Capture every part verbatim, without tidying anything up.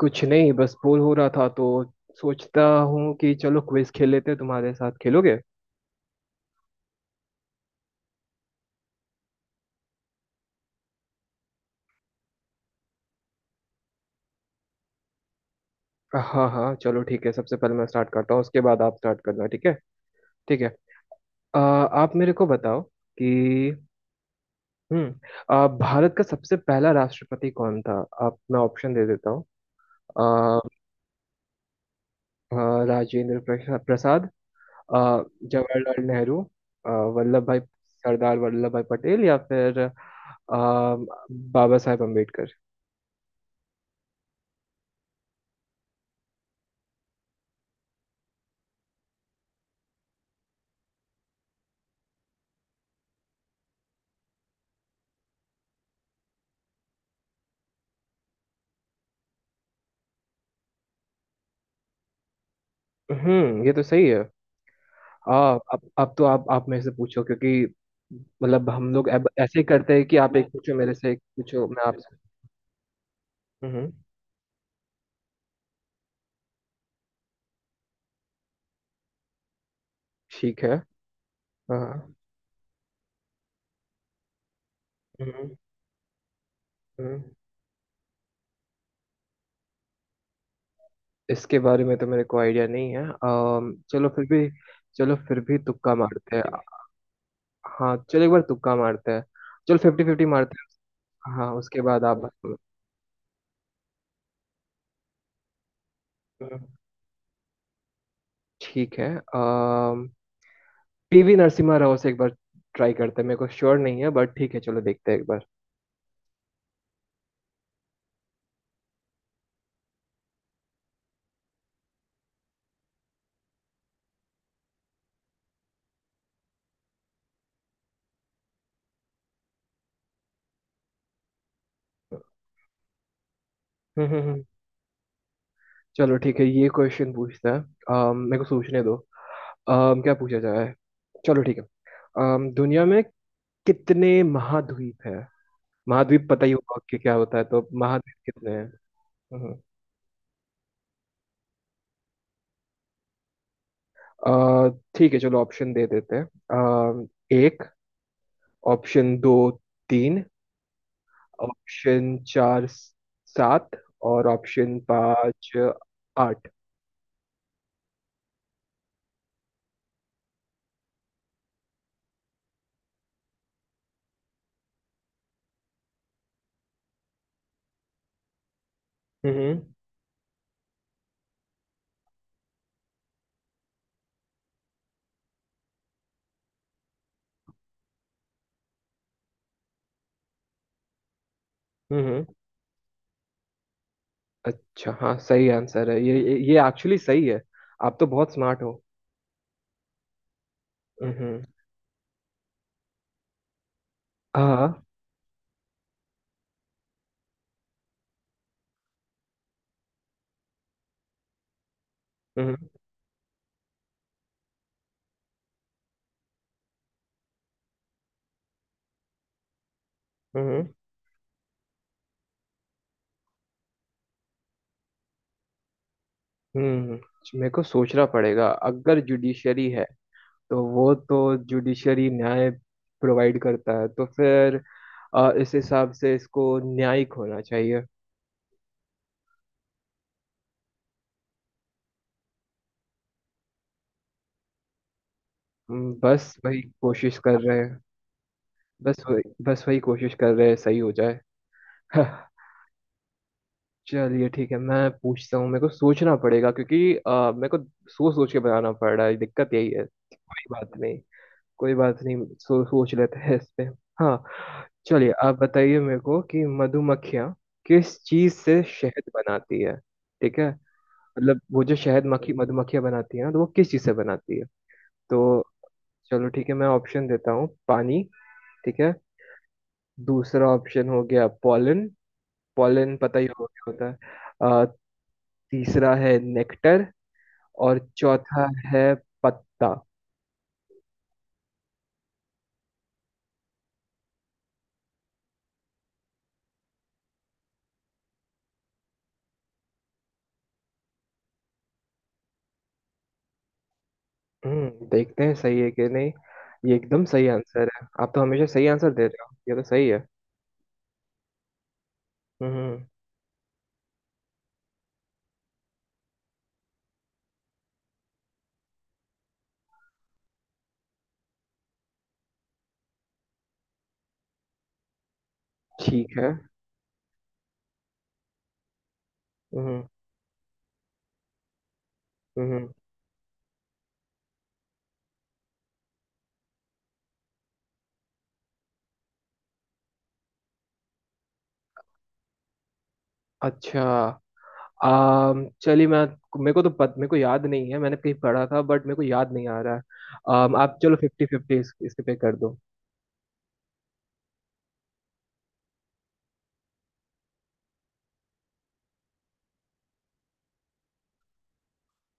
कुछ नहीं, बस बोर हो रहा था तो सोचता हूँ कि चलो क्विज खेल लेते हैं। तुम्हारे साथ खेलोगे? हाँ हाँ, चलो ठीक है। सबसे पहले मैं स्टार्ट करता हूँ, उसके बाद आप स्टार्ट करना, ठीक है? ठीक है। अ, आप मेरे को बताओ कि हम्म, अ, भारत का सबसे पहला राष्ट्रपति कौन था? आप, मैं ऑप्शन दे देता हूँ। अ, अ, राजेंद्र प्रसा- प्रसाद। अ, जवाहरलाल नेहरू। अ, वल्लभ भाई, सरदार वल्लभ भाई पटेल, या फिर अ, बाबा साहेब अम्बेडकर। हम्म, ये तो सही है। हाँ, अब अब तो आप आप मेरे से पूछो, क्योंकि मतलब हम लोग अब ऐसे ही करते हैं कि आप एक पूछो मेरे से, एक पूछो मैं आपसे। हम्म। ठीक है। हाँ। हम्म। हम्म। इसके बारे में तो मेरे को आइडिया नहीं है। अम, चलो फिर भी, चलो फिर भी तुक्का मारते हैं। हाँ चलो, एक बार तुक्का मारते हैं। चलो फिफ्टी फिफ्टी मारते हैं। हाँ, उसके बाद आप बताओ। हम्म। ठीक है। पीवी नरसिम्हा राव से एक बार ट्राई करते हैं। मेरे को श्योर नहीं है, बट ठीक है, चलो देखते हैं एक बार। हम्म हम्म, हम्म। चलो ठीक है ये क्वेश्चन पूछता है। अम, मेरे को सोचने दो। अम, क्या पूछा जाए। चलो ठीक है। अम, दुनिया में कितने महाद्वीप हैं? महाद्वीप पता ही होगा कि क्या होता है, तो महाद्वीप कितने हैं? हम्म। हम्म। अ, ठीक है, चलो ऑप्शन दे देते हैं। अम, एक। ऑप्शन दो। तीन। ऑप्शन चार, सात। और ऑप्शन पाँच, आठ। हम्म। हम्म। अच्छा, हाँ, सही आंसर है ये। ये ये एक्चुअली सही है। आप तो बहुत स्मार्ट हो। हम्म। हाँ। हम्म। हम्म। हम्म। मेरे को सोचना पड़ेगा। अगर जुडिशरी है तो वो तो जुडिशरी न्याय प्रोवाइड करता है, तो फिर अ, इस हिसाब से इसको न्यायिक होना चाहिए। हम्म, बस वही कोशिश कर रहे हैं। बस वही बस वही कोशिश कर रहे हैं, सही हो जाए। हाँ। चलिए ठीक है, मैं पूछता हूँ। मेरे को सोचना पड़ेगा क्योंकि अ, मेरे को सोच सोच के बनाना पड़ रहा है, दिक्कत यही है। बात नहीं, कोई बात नहीं, सो, सोच लेते हैं इस पे। हाँ। चलिए, आप बताइए मेरे को कि मधुमक्खियाँ किस चीज से शहद बनाती है? ठीक है? मतलब वो जो शहद मक्खी, मधुमक्खियाँ बनाती है ना, तो वो किस चीज से बनाती है? तो चलो ठीक है, मैं ऑप्शन देता हूँ। पानी। ठीक है, दूसरा ऑप्शन हो गया पॉलन। पॉलन पता ही होगा क्या होता है। अ, तीसरा है नेक्टर, और चौथा है पत्ता। हम्म, देखते हैं सही है कि नहीं। ये एकदम सही आंसर है। आप तो हमेशा सही आंसर दे रहे हो, ये तो सही है। हम्म। ठीक है। हम्म। हम्म। अच्छा। आम, चलिए मैं, मेरे को तो पत, मेरे को याद नहीं है। मैंने कहीं पढ़ा था बट मेरे को याद नहीं आ रहा है। आम, आप चलो, फिफ्टी फिफ्टी इस, इस पे कर दो।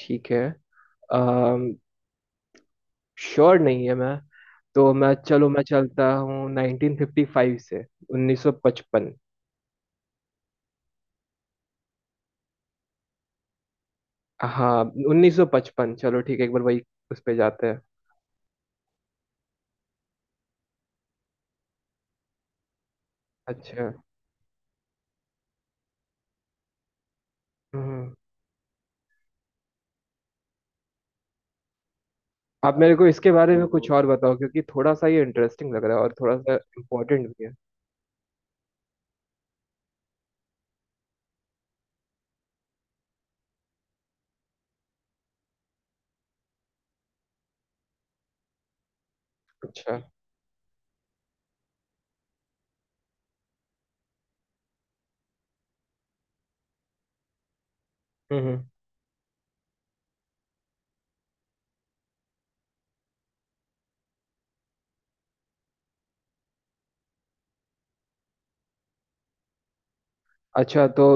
ठीक है। आम, श्योर नहीं है मैं, तो मैं चलो, मैं चलता हूँ नाइनटीन फिफ्टी फाइव से। Nineteen fifty five. हाँ, उन्नीस सौ पचपन चलो ठीक है, एक बार वही उस पे जाते हैं। अच्छा। हम्म। आप मेरे को इसके बारे में कुछ तो और बताओ, क्योंकि थोड़ा सा ये इंटरेस्टिंग लग रहा है और थोड़ा सा इम्पोर्टेंट भी है। अच्छा। हम्म। अच्छा। तो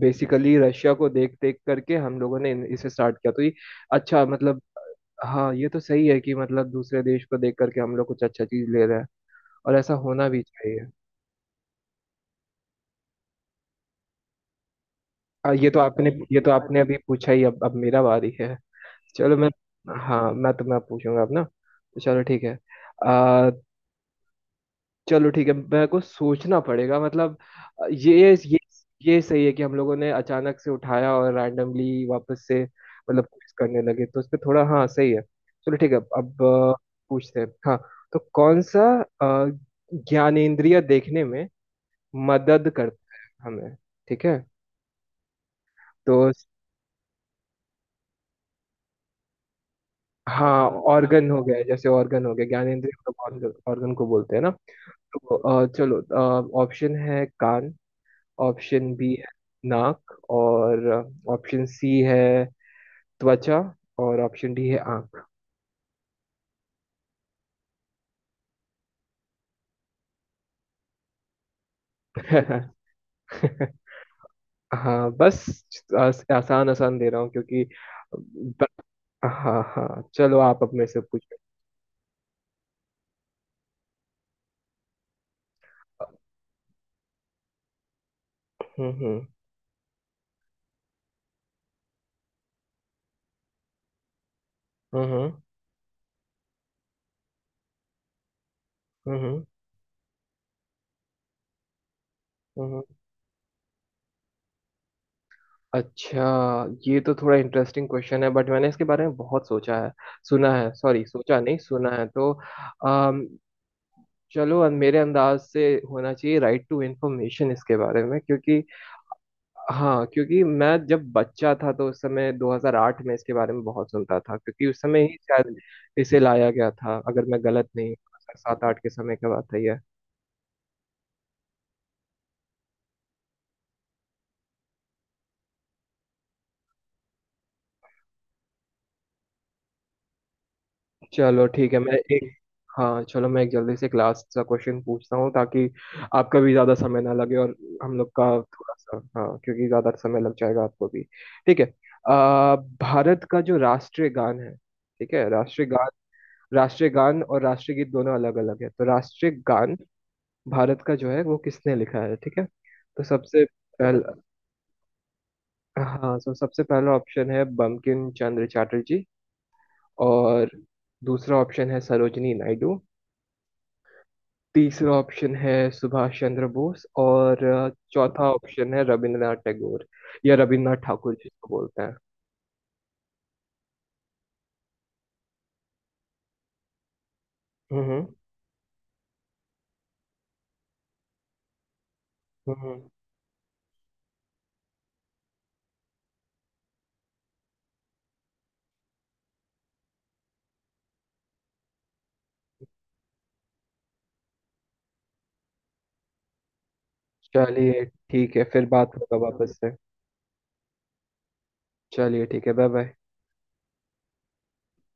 बेसिकली रशिया को देख देख करके हम लोगों ने इन- इसे स्टार्ट किया, तो ये। अच्छा, मतलब हाँ, ये तो सही है कि मतलब दूसरे देश को देख करके हम लोग कुछ अच्छा चीज ले रहे हैं और ऐसा होना भी चाहिए। आ, ये तो आपने, ये तो आपने अभी पूछा ही, अब अब मेरा बारी है। चलो मैं, हाँ मैं तुम्हें पूछूंगा अब ना, तो चलो ठीक है। चलो ठीक है, मेरे को सोचना पड़ेगा, मतलब अ, ये ये ये सही है कि हम लोगों ने अचानक से उठाया और रैंडमली वापस से, मतलब कुछ करने लगे, तो उस पे थोड़ा, हाँ सही है। चलो ठीक है, अब अ, पूछते हैं। हाँ, तो कौन सा अ, ज्ञानेंद्रिय देखने में मदद करता है हमें, ठीक है? तो हाँ, मदद कर, ऑर्गन हो गया, जैसे ऑर्गन हो गया, ज्ञानेंद्रिय को ऑर्गन को बोलते हैं ना। तो अ, चलो, ऑप्शन है कान। ऑप्शन बी है नाक। और ऑप्शन सी है त्वचा। और ऑप्शन डी है आंख। हाँ बस, आस, आसान आसान दे रहा हूँ क्योंकि ब- हाँ हाँ चलो, आप अब मेरे से पूछो। हम्म। हम्म। हम्म। हम्म। हम्म। हम्म। अच्छा, ये तो थोड़ा इंटरेस्टिंग क्वेश्चन है, बट मैंने इसके बारे में बहुत सोचा है, सुना है। सॉरी, सोचा नहीं, सुना है। तो अम, चलो, मेरे अंदाज से होना चाहिए राइट टू इंफॉर्मेशन। इसके बारे में क्योंकि, हाँ क्योंकि मैं जब बच्चा था तो उस समय दो हज़ार आठ में इसके बारे में बहुत सुनता था, क्योंकि उस समय ही शायद इसे लाया गया था, अगर मैं गलत नहीं हूँ। दो हज़ार सात आठ के समय की बात है ये। चलो ठीक है, मैं एक, हाँ चलो, मैं एक जल्दी से क्लास का क्वेश्चन पूछता हूँ, ताकि आपका भी ज़्यादा समय ना लगे और हम लोग का थोड़ा सा, हाँ क्योंकि ज़्यादा समय लग जाएगा आपको भी। ठीक है। आ, भारत का जो राष्ट्रीय गान है, ठीक है, राष्ट्रीय गान, राष्ट्रीय गान और राष्ट्रीय गीत दोनों अलग अलग है, तो राष्ट्रीय गान भारत का जो है वो किसने लिखा है, ठीक है? तो सबसे पहला, हाँ, तो सबसे पहला ऑप्शन है बंकिम चंद्र चटर्जी। और दूसरा ऑप्शन है सरोजनी नायडू। तीसरा ऑप्शन है सुभाष चंद्र बोस। और अ, चौथा ऑप्शन है रविंद्रनाथ टैगोर या रविंद्रनाथ ठाकुर जिसको बोलते हैं। हम्म। हम्म। हम्म। चलिए ठीक है, फिर बात होगा वापस से। चलिए ठीक है, बाय बाय।